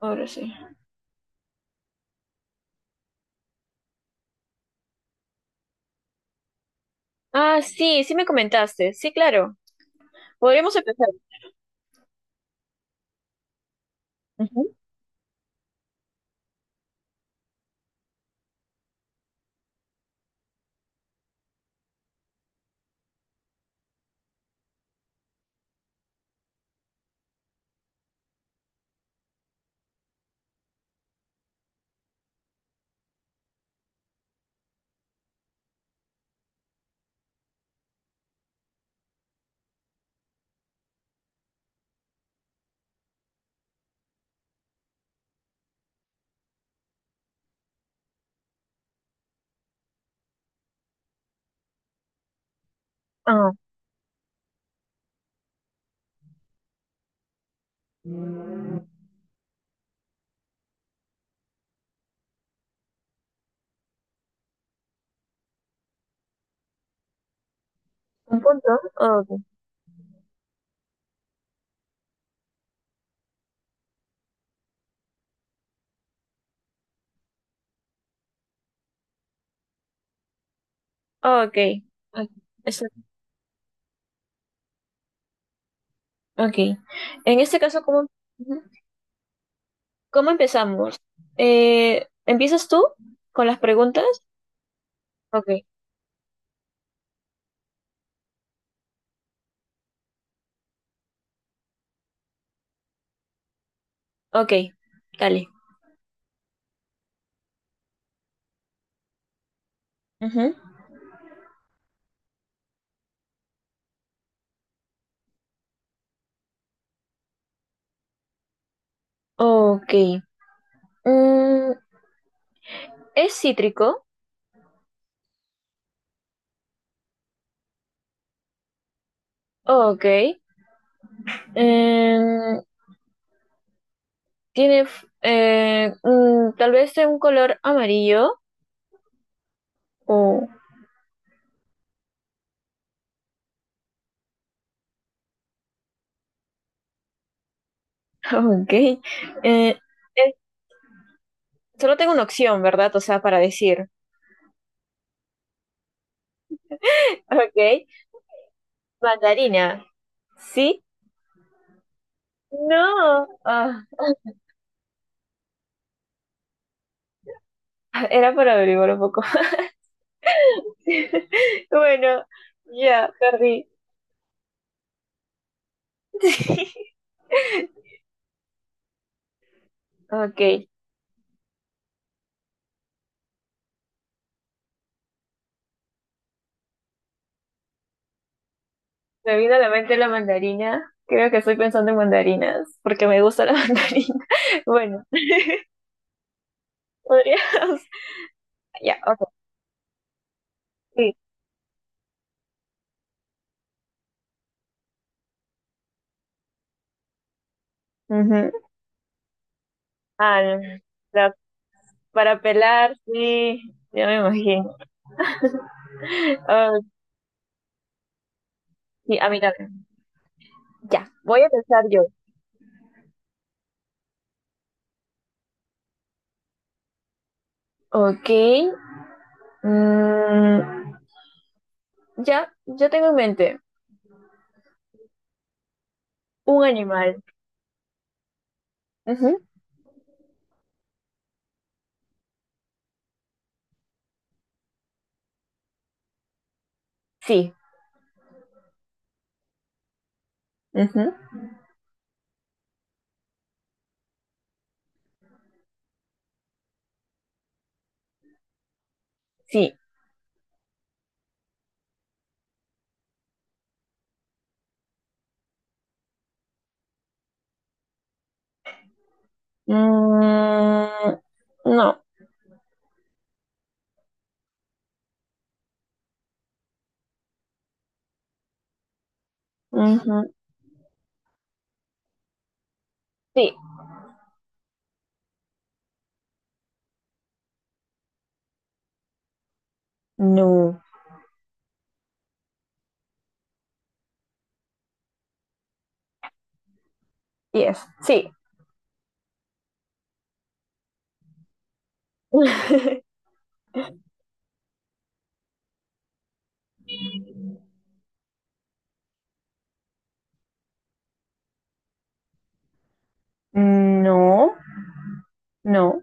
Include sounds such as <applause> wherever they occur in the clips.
Ahora sí. Sí, sí, me comentaste. Sí, claro. Podríamos empezar. Ujú. Ah, un punto. Ah, ok. Ah, ok. Ah, eso- ok. En este caso, ujú. ¿Cómo empezamos? ¿Empiezas tú con las preguntas? Ok, ok. Dale. Ujú. Ok. Mm, ¿Es cítrico? Ok. Em, ¿Tiene tal vez de un color amarillo? O <laughs> ok. Eh, Solo tengo una opción, ¿verdad? O sea, para decir. <laughs> Ok. Mandarina. ¿Sí? No. <laughs> Era para averiguar un poco. <laughs> Bueno, ya, perdí. <laughs> Ok. Me vino a la mente la mandarina. Creo que estoy pensando en mandarinas, porque me gusta la <laughs> mandarina. Bueno, podríamos. <laughs> Ya, ok. Sí. Ujú. Ah, la- para pelar, sí. Ya me imagino. <laughs> Sí, a mí también. Ya, voy a empezar yo. Ok. mm, ya tengo en mente un animal. Ujú. Sí, ujú. Sí. Mm, no. Ujú. Sí. No, yes, sí. <laughs> no, no.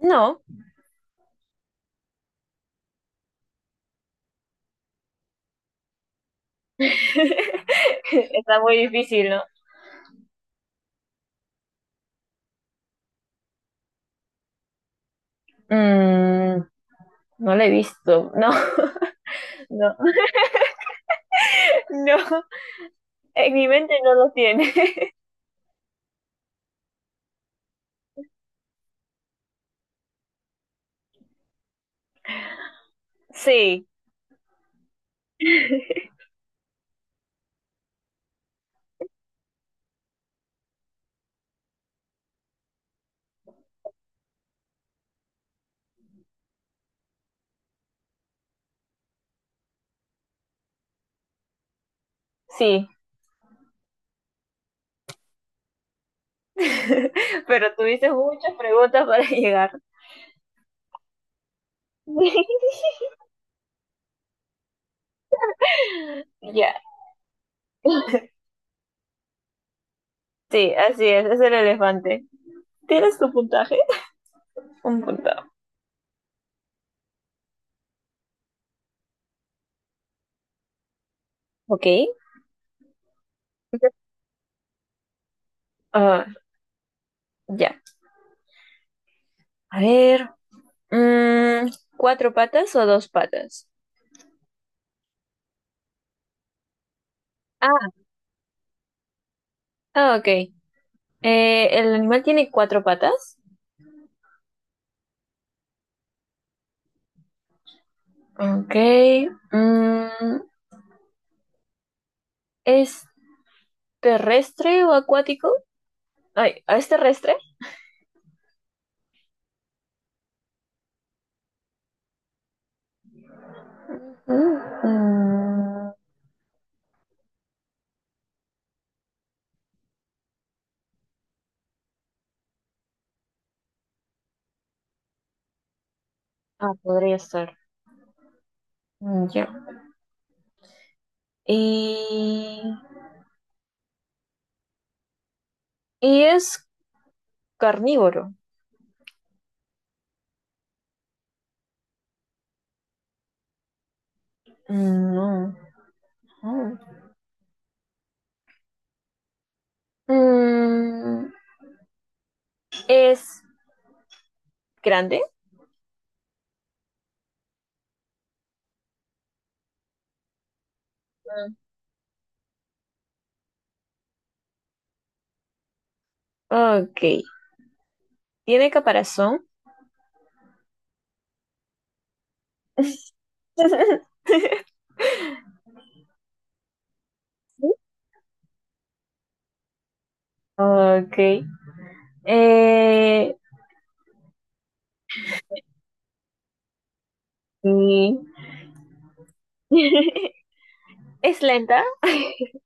No. <laughs> Está muy difícil, ¿no? Mm, no lo he visto. No, <laughs> no, no. En mi mente no lo tiene. <laughs> Sí, sí. <laughs> Pero tuviste muchas preguntas para <laughs> llegar. Ya. Sí, así es el elefante. ¿Tienes tu puntaje? Un punto. Ok. Ah, ya. A ver. mm, ¿Cuatro patas o dos patas? Ah. Ah, ok. ¿El animal tiene cuatro patas? Ok. mm, ¿Es terrestre o acuático? Ay, ¿es terrestre? Mm, mm, Ah, podría ser. Ya. Y, y es carnívoro. Mm, no. Mm. Mm, es grande. Ok. Tiene caparazón. <laughs> Ok. Eh, y- <laughs> es lenta. <laughs>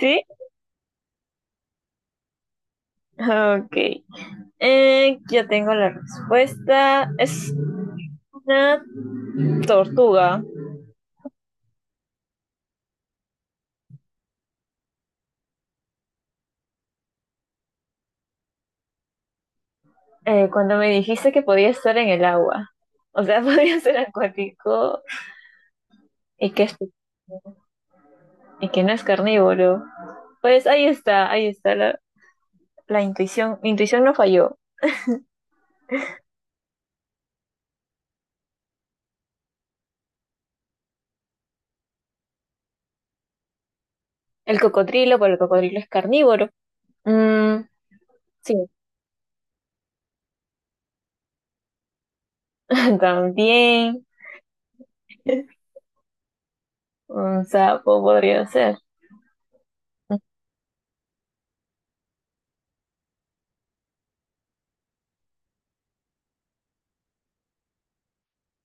Sí. Ok. Yo tengo la respuesta. Es una tortuga. Cuando me dijiste que podía estar en el agua, o sea, <laughs> podía ser acuático y y que no es carnívoro, pues ahí está la intuición. Mi intuición no falló. El cocodrilo, pero el cocodrilo es carnívoro. Mm, sí, <laughs> también un sapo podría ser.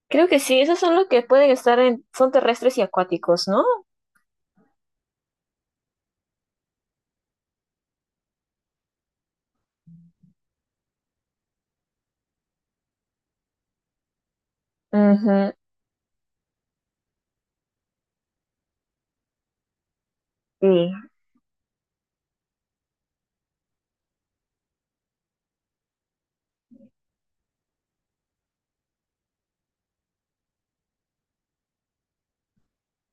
Creo que sí, esos son los que pueden estar en, son terrestres y acuáticos, ¿no? Ujú, sí.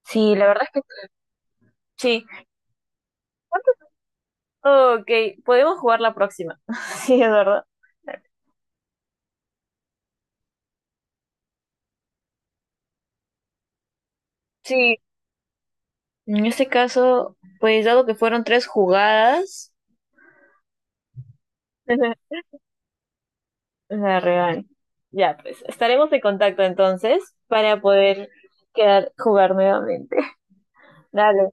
Sí, la verdad es que sí. Sí. Ok, podemos jugar la próxima. <laughs> Sí, es verdad. Sí, en este caso, pues dado que fueron tres jugadas, <laughs> la real. Ya pues estaremos en contacto entonces para poder quedar jugar nuevamente. <laughs> Dale.